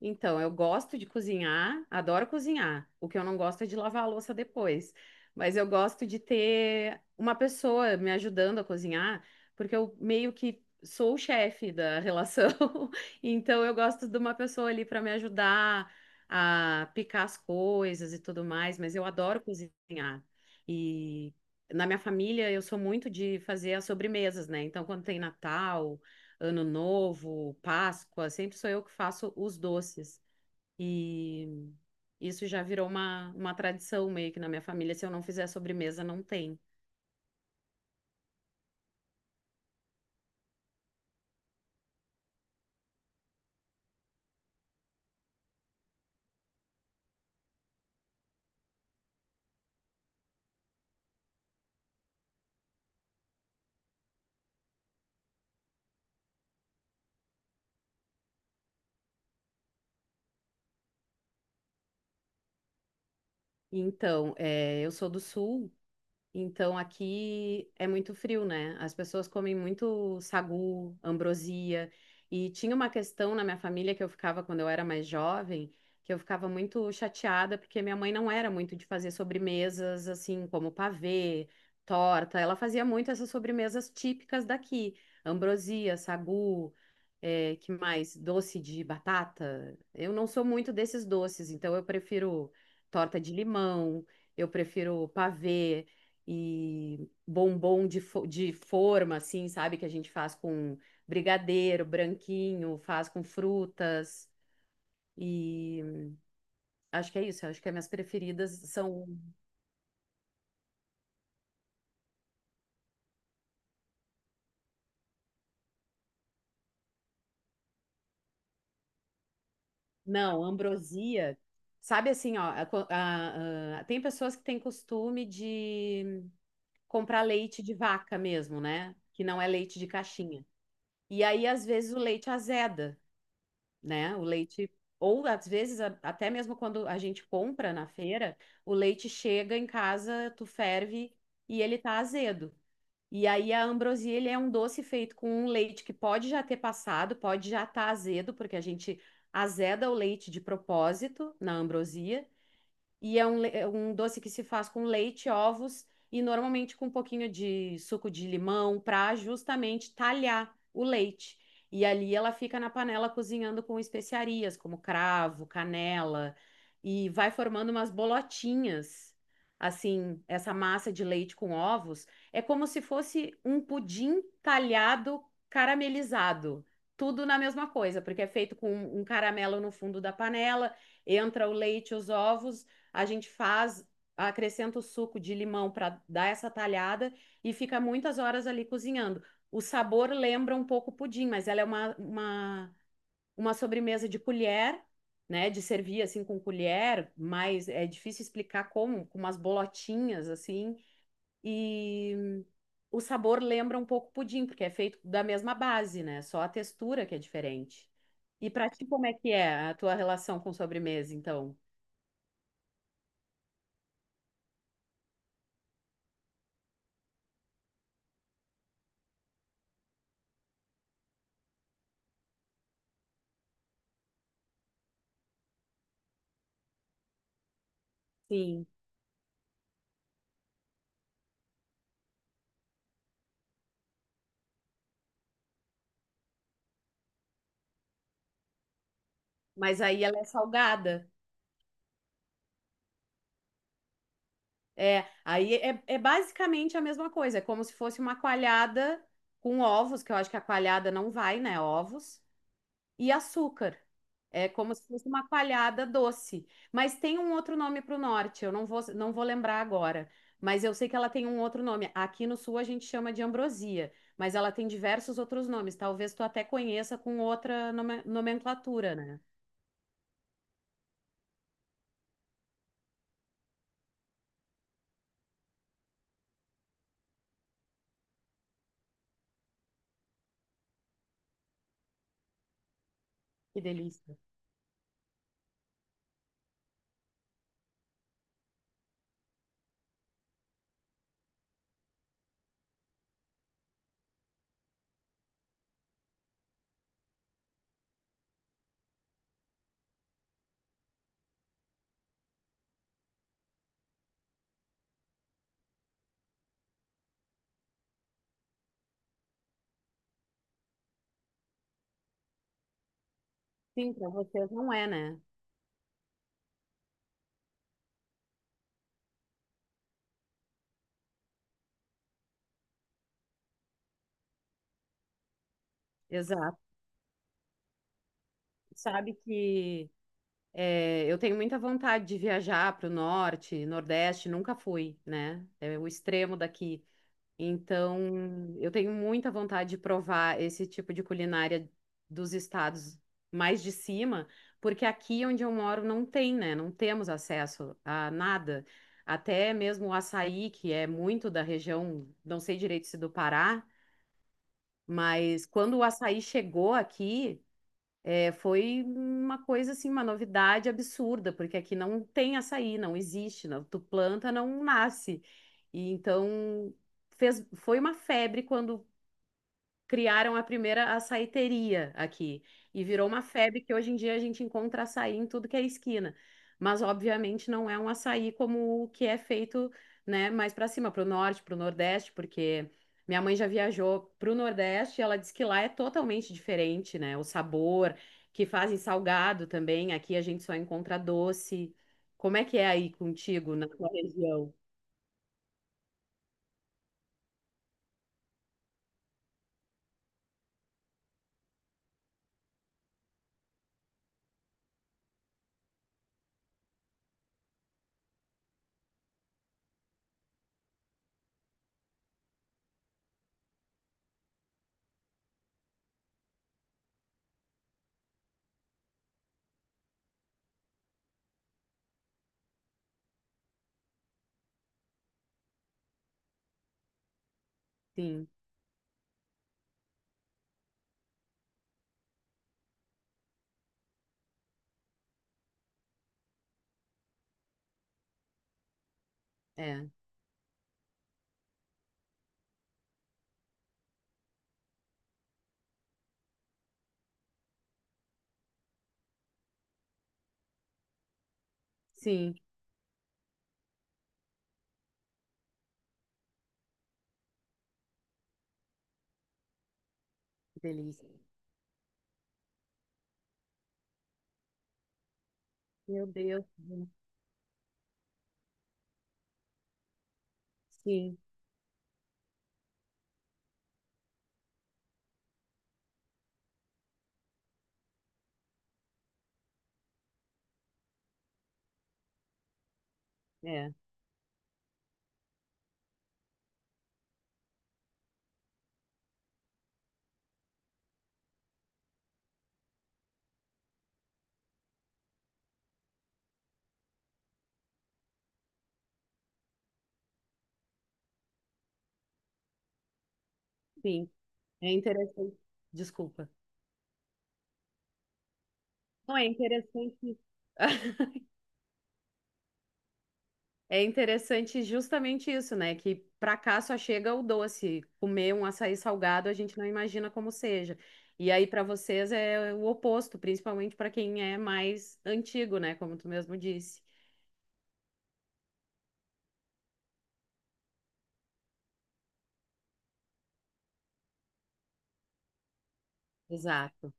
Então, eu gosto de cozinhar, adoro cozinhar. O que eu não gosto é de lavar a louça depois. Mas eu gosto de ter uma pessoa me ajudando a cozinhar, porque eu meio que sou o chefe da relação. Então, eu gosto de uma pessoa ali para me ajudar a picar as coisas e tudo mais. Mas eu adoro cozinhar. E na minha família, eu sou muito de fazer as sobremesas, né? Então, quando tem Natal. Ano Novo, Páscoa, sempre sou eu que faço os doces. E isso já virou uma tradição meio que na minha família. Se eu não fizer sobremesa, não tem. Então, é, eu sou do Sul, então aqui é muito frio, né? As pessoas comem muito sagu, ambrosia. E tinha uma questão na minha família que eu ficava quando eu era mais jovem, que eu ficava muito chateada porque minha mãe não era muito de fazer sobremesas assim como pavê, torta. Ela fazia muito essas sobremesas típicas daqui, ambrosia, sagu, eh, que mais? Doce de batata. Eu não sou muito desses doces, então eu prefiro torta de limão. Eu prefiro pavê, e bombom de, de forma, assim, sabe? Que a gente faz com brigadeiro, branquinho, faz com frutas. E acho que é isso. Acho que as minhas preferidas são. Não, ambrosia. Sabe assim, ó, a co- a- tem pessoas que têm costume de comprar leite de vaca mesmo, né? Que não é leite de caixinha. E aí, às vezes, o leite azeda, né? O leite, ou às vezes, até mesmo quando a gente compra na feira, o leite chega em casa, tu ferve e ele tá azedo. E aí a ambrosia, ele é um doce feito com um leite que pode já ter passado, pode já estar azedo, porque a gente azeda o leite de propósito na ambrosia, e é é um doce que se faz com leite, ovos e normalmente com um pouquinho de suco de limão para justamente talhar o leite. E ali ela fica na panela cozinhando com especiarias como cravo, canela e vai formando umas bolotinhas. Assim, essa massa de leite com ovos é como se fosse um pudim talhado caramelizado. Tudo na mesma coisa, porque é feito com um caramelo no fundo da panela, entra o leite, os ovos a gente faz, acrescenta o suco de limão para dar essa talhada e fica muitas horas ali cozinhando. O sabor lembra um pouco o pudim, mas ela é uma sobremesa de colher, né? De servir assim com colher, mas é difícil explicar como, com umas bolotinhas assim. E o sabor lembra um pouco o pudim, porque é feito da mesma base, né? Só a textura que é diferente. E para ti, como é que é a tua relação com sobremesa, então? Sim. Mas aí ela é salgada. É, aí é, é basicamente a mesma coisa, é como se fosse uma coalhada com ovos, que eu acho que a coalhada não vai, né? Ovos e açúcar. É como se fosse uma coalhada doce. Mas tem um outro nome para o norte, eu não vou lembrar agora. Mas eu sei que ela tem um outro nome. Aqui no sul a gente chama de ambrosia, mas ela tem diversos outros nomes. Talvez tu até conheça com outra nomenclatura, né? Que delícia. Sim, para vocês não é, né? Exato. Sabe que é, eu tenho muita vontade de viajar para o norte, nordeste, nunca fui, né? É o extremo daqui. Então, eu tenho muita vontade de provar esse tipo de culinária dos estados mais de cima, porque aqui onde eu moro não tem, né? Não temos acesso a nada. Até mesmo o açaí, que é muito da região, não sei direito se do Pará, mas quando o açaí chegou aqui. É, foi uma coisa assim, uma novidade absurda, porque aqui não tem açaí, não existe, não, tu planta, não nasce. E então fez, foi uma febre quando criaram a primeira açaiteria aqui. E virou uma febre que hoje em dia a gente encontra açaí em tudo que é esquina. Mas, obviamente, não é um açaí como o que é feito, né, mais para cima, para o norte, para o nordeste, porque minha mãe já viajou para o nordeste e ela disse que lá é totalmente diferente, né? O sabor, que fazem salgado também. Aqui a gente só encontra doce. Como é que é aí contigo, na tua região? Sim, é. Sim, que delícia. Meu Deus. Sim, é. Sim, é interessante. Desculpa. Não, é interessante. É interessante justamente isso, né? Que pra cá só chega o doce. Comer um açaí salgado, a gente não imagina como seja. E aí pra vocês é o oposto, principalmente pra quem é mais antigo, né? Como tu mesmo disse. Exato,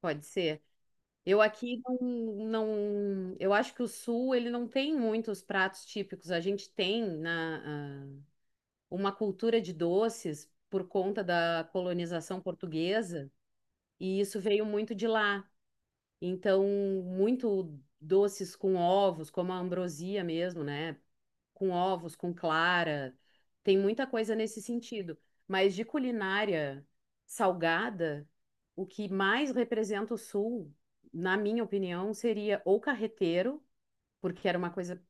pode ser. Eu aqui não, não, eu acho que o sul ele não tem muitos pratos típicos. A gente tem na, ah, uma cultura de doces por conta da colonização portuguesa, e isso veio muito de lá. Então, muito doces com ovos, como a ambrosia mesmo, né? Com ovos, com clara. Tem muita coisa nesse sentido. Mas de culinária salgada, o que mais representa o Sul, na minha opinião, seria ou carreteiro, porque era uma coisa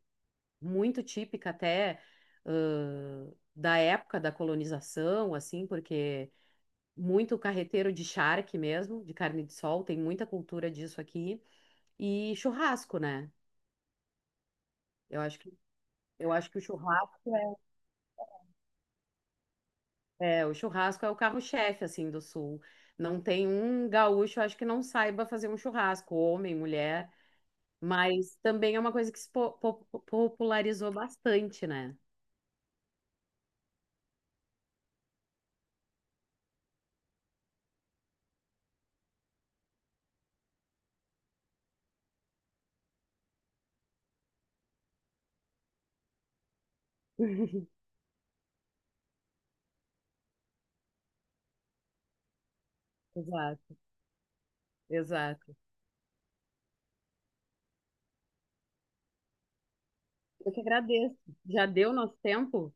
muito típica até da época da colonização, assim, porque muito carreteiro de charque mesmo, de carne de sol, tem muita cultura disso aqui. E churrasco, né? Eu acho que, eu acho que o churrasco o churrasco é o carro-chefe, assim, do sul. Não tem um gaúcho, acho que não saiba fazer um churrasco, homem, mulher, mas também é uma coisa que se po- po- popularizou bastante, né? Exato, exato. Eu que agradeço. Já deu nosso tempo?